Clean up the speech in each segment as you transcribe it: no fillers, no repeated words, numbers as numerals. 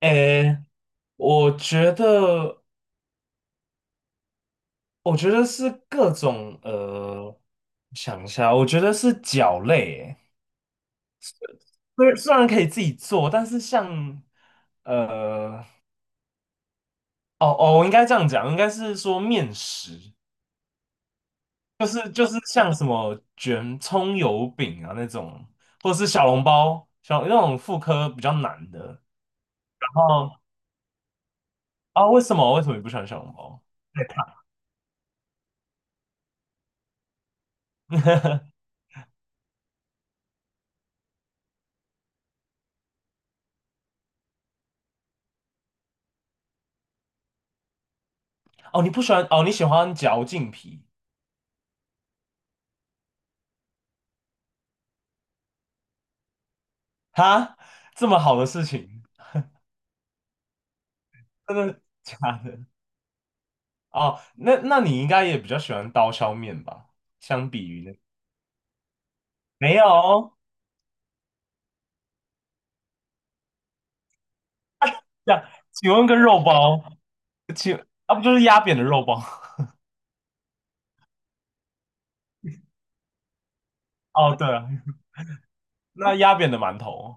诶，我觉得，我觉得是各种想一下，我觉得是脚类诶。虽然可以自己做，但是像呃，哦哦，我应该这样讲，应该是说面食，就是像什么卷葱油饼啊那种，或者是小笼包，那种妇科比较难的。然后啊，为什么你不喜欢小笼包？哦，你不喜欢哦，你喜欢嚼劲皮。哈，这么好的事情。真的假的？哦，那你应该也比较喜欢刀削面吧？相比于那。没有哦。这样，请问跟肉包，请啊不就是压扁的肉包？哦，对啊，那压扁的馒头。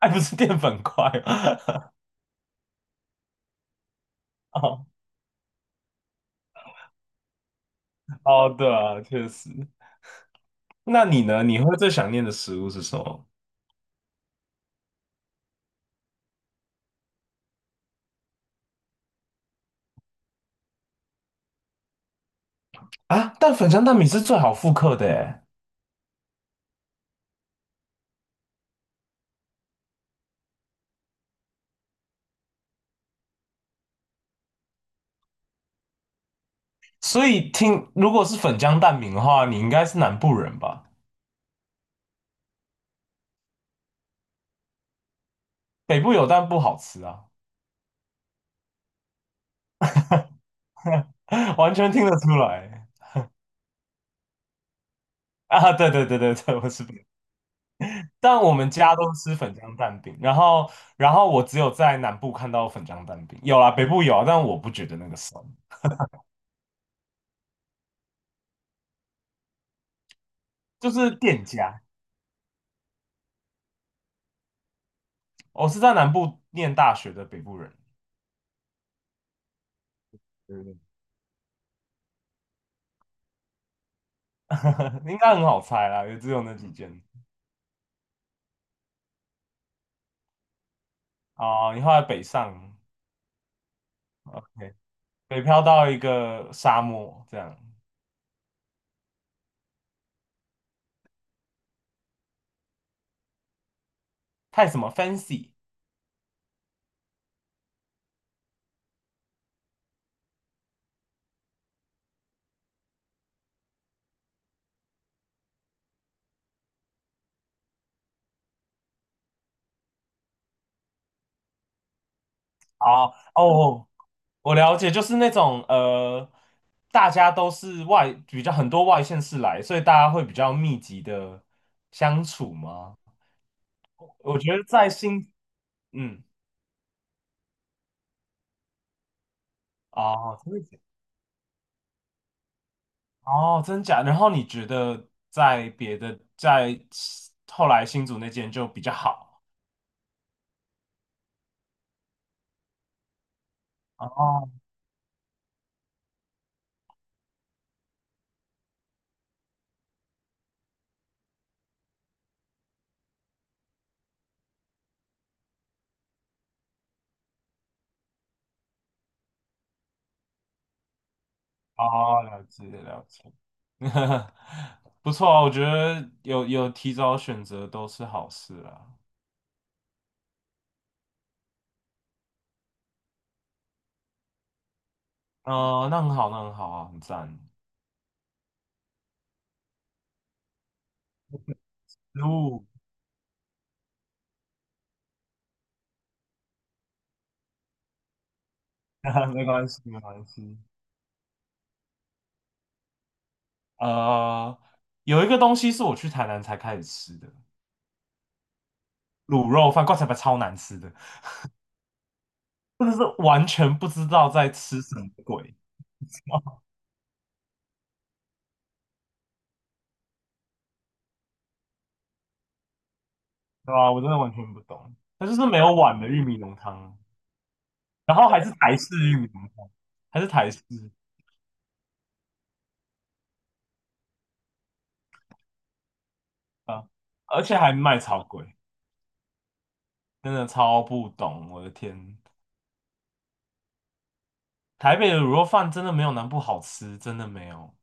哎，不是淀粉块。 哦哦，对啊，确实。那你呢？你会最想念的食物是什么啊？但粉浆蛋饼是最好复刻的诶，所以如果是粉浆蛋饼的话，你应该是南部人吧？北部有但不好吃啊。完全听得出来。啊！对对对对对，我是北但我们家都吃粉浆蛋饼，然后我只有在南部看到粉浆蛋饼。有啊，北部有啊，但我不觉得那个酸。就是店家。我是在南部念大学的北部人。对对对 应该很好猜啦，也只有那几间。哦，你后来北上。OK。北漂到一个沙漠，这样。太什么 fancy。 哦哦，我了解，就是那种大家都是外，比较很多外县市来，所以大家会比较密集的相处吗？我觉得在新，嗯。哦，真假？然后你觉得在别的，在后来新竹那间就比较好？哦，哦，了解了解。不错啊，我觉得有提早选择都是好事啊。嗯、那很好，那很好啊，很赞。哦。 没关系，没关系。呃，有一个东西是我去台南才开始吃的。卤肉饭，棺材板超难吃的，真的是完全不知道在吃什么鬼。对吧？我真的完全不懂，它就是没有碗的玉米浓汤。然后还是台式玉米浓汤，还是台式啊。而且还卖超贵，真的超不懂，我的天。台北的卤肉饭真的没有南部好吃，真的没有。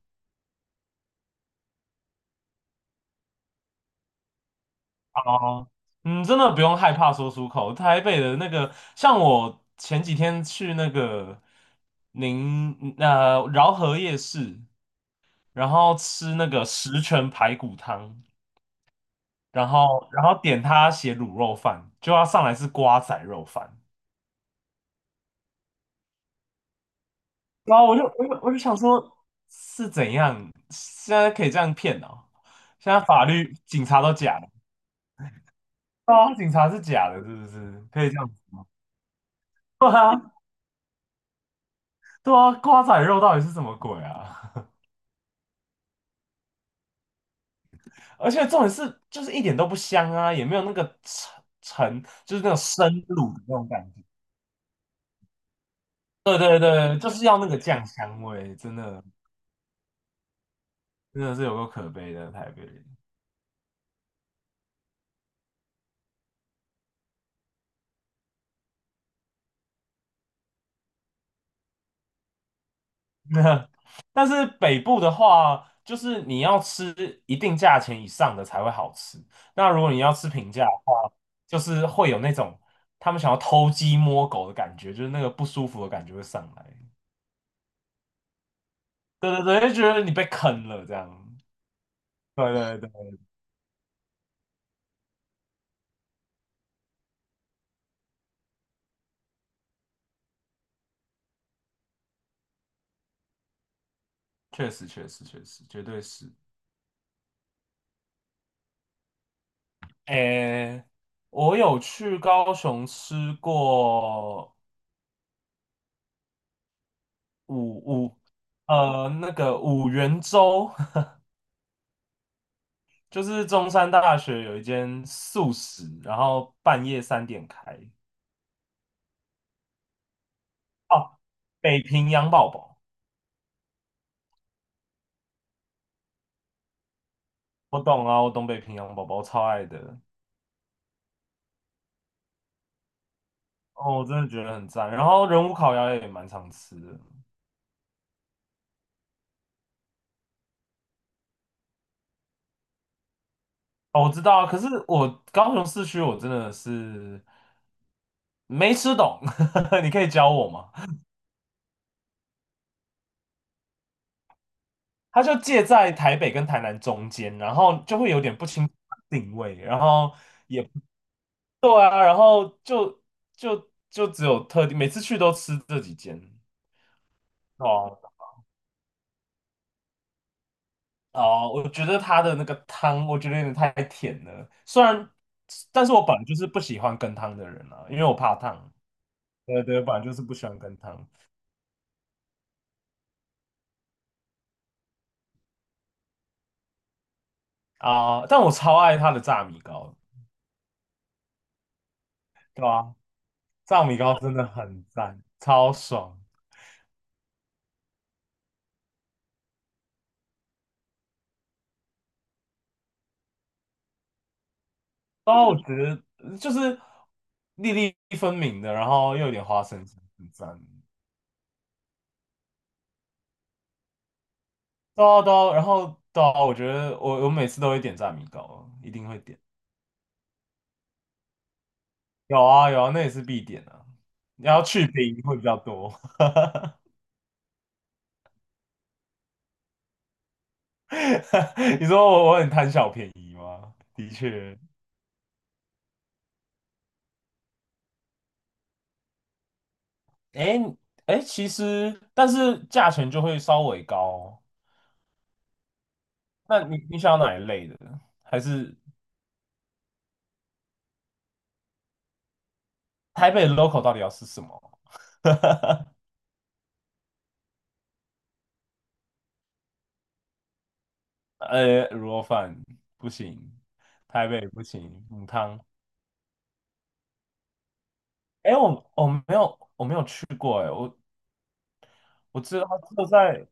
哦，嗯，真的不用害怕说出口。台北的那个，像我前几天去那个饶河夜市，然后吃那个十全排骨汤，然后点他写卤肉饭，就要上来是瓜仔肉饭。然后我就想说，是怎样现在可以这样骗哦？现在法律警察都假的。对啊，警察是假的，是不是？可以这样子？对啊，对啊，瓜仔肉到底是什么鬼啊？而且重点是，就是一点都不香啊，也没有那个沉沉，就是那种生卤的那种感觉。对对对，就是要那个酱香味，真的。真的是有够可悲的台北。那。 但是北部的话，就是你要吃一定价钱以上的才会好吃。那如果你要吃平价的话，就是会有那种他们想要偷鸡摸狗的感觉，就是那个不舒服的感觉会上来。对对对，就觉得你被坑了这样。对对对，确实确实确实，绝对是。诶，我有去高雄吃过五五，呃，那个五元粥。就是中山大学有一间素食，然后半夜3点开。哦，北平洋宝宝，我懂啊，我懂北平洋宝宝，我超爱的。哦，我真的觉得很赞。然后人武烤鸭也蛮常吃的。哦，我知道啊。可是我高雄市区我真的是没吃懂。你可以教我吗？它就介在台北跟台南中间，然后就会有点不清楚定位，然后也不对啊。然后就只有特定，每次去都吃这几间。哦哦，我觉得它的那个汤，我觉得有点太甜了，虽然，但是我本来就是不喜欢羹汤的人啊，因为我怕烫。对对，本来就是不喜欢羹汤啊，但我超爱它的炸米糕。对吧、啊炸米糕真的很赞，超爽。哦，我觉得就是粒粒分明的，然后又有点花生酱很赞。对啊对啊然后对啊我觉得我每次都会点炸米糕，一定会点。有啊有啊，那也是必点啊。你要去冰会比较多。你说我很贪小便宜吗？的确。哎哎，诶其实但是价钱就会稍微高哦。那你想要哪一类的？还是台北 local 到底要吃什么？卤肉饭不行，台北不行，母汤。哎，我没有去过哎。我知道它就在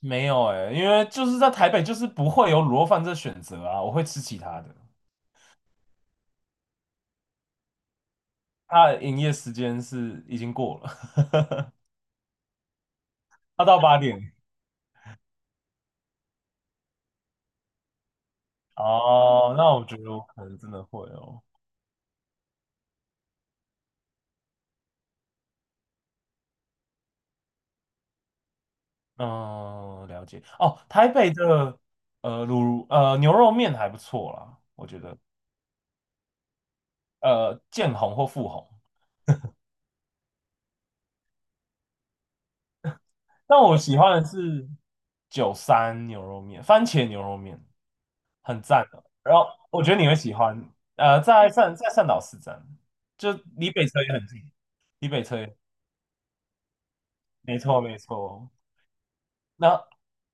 没有哎，因为就是在台北就是不会有卤肉饭这选择啊，我会吃其他的。它的营业时间是已经过了。它到8点。哦，那我觉得我可能真的会哦。嗯，了解。哦，台北的呃卤呃牛肉面还不错啦，我觉得见红或富红。但我喜欢的是九三牛肉面，番茄牛肉面很赞的。然后我觉得你会喜欢。在善导市站，就离北车也很近。离北车也没错没错。那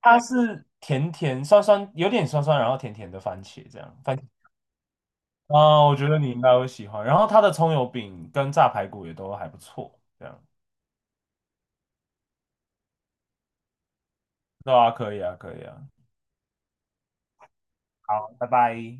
它是甜甜酸酸，有点酸酸，然后甜甜的番茄这样。啊、我觉得你应该会喜欢。然后它的葱油饼跟炸排骨也都还不错，这样。对啊，可以啊，可以啊。好，拜拜。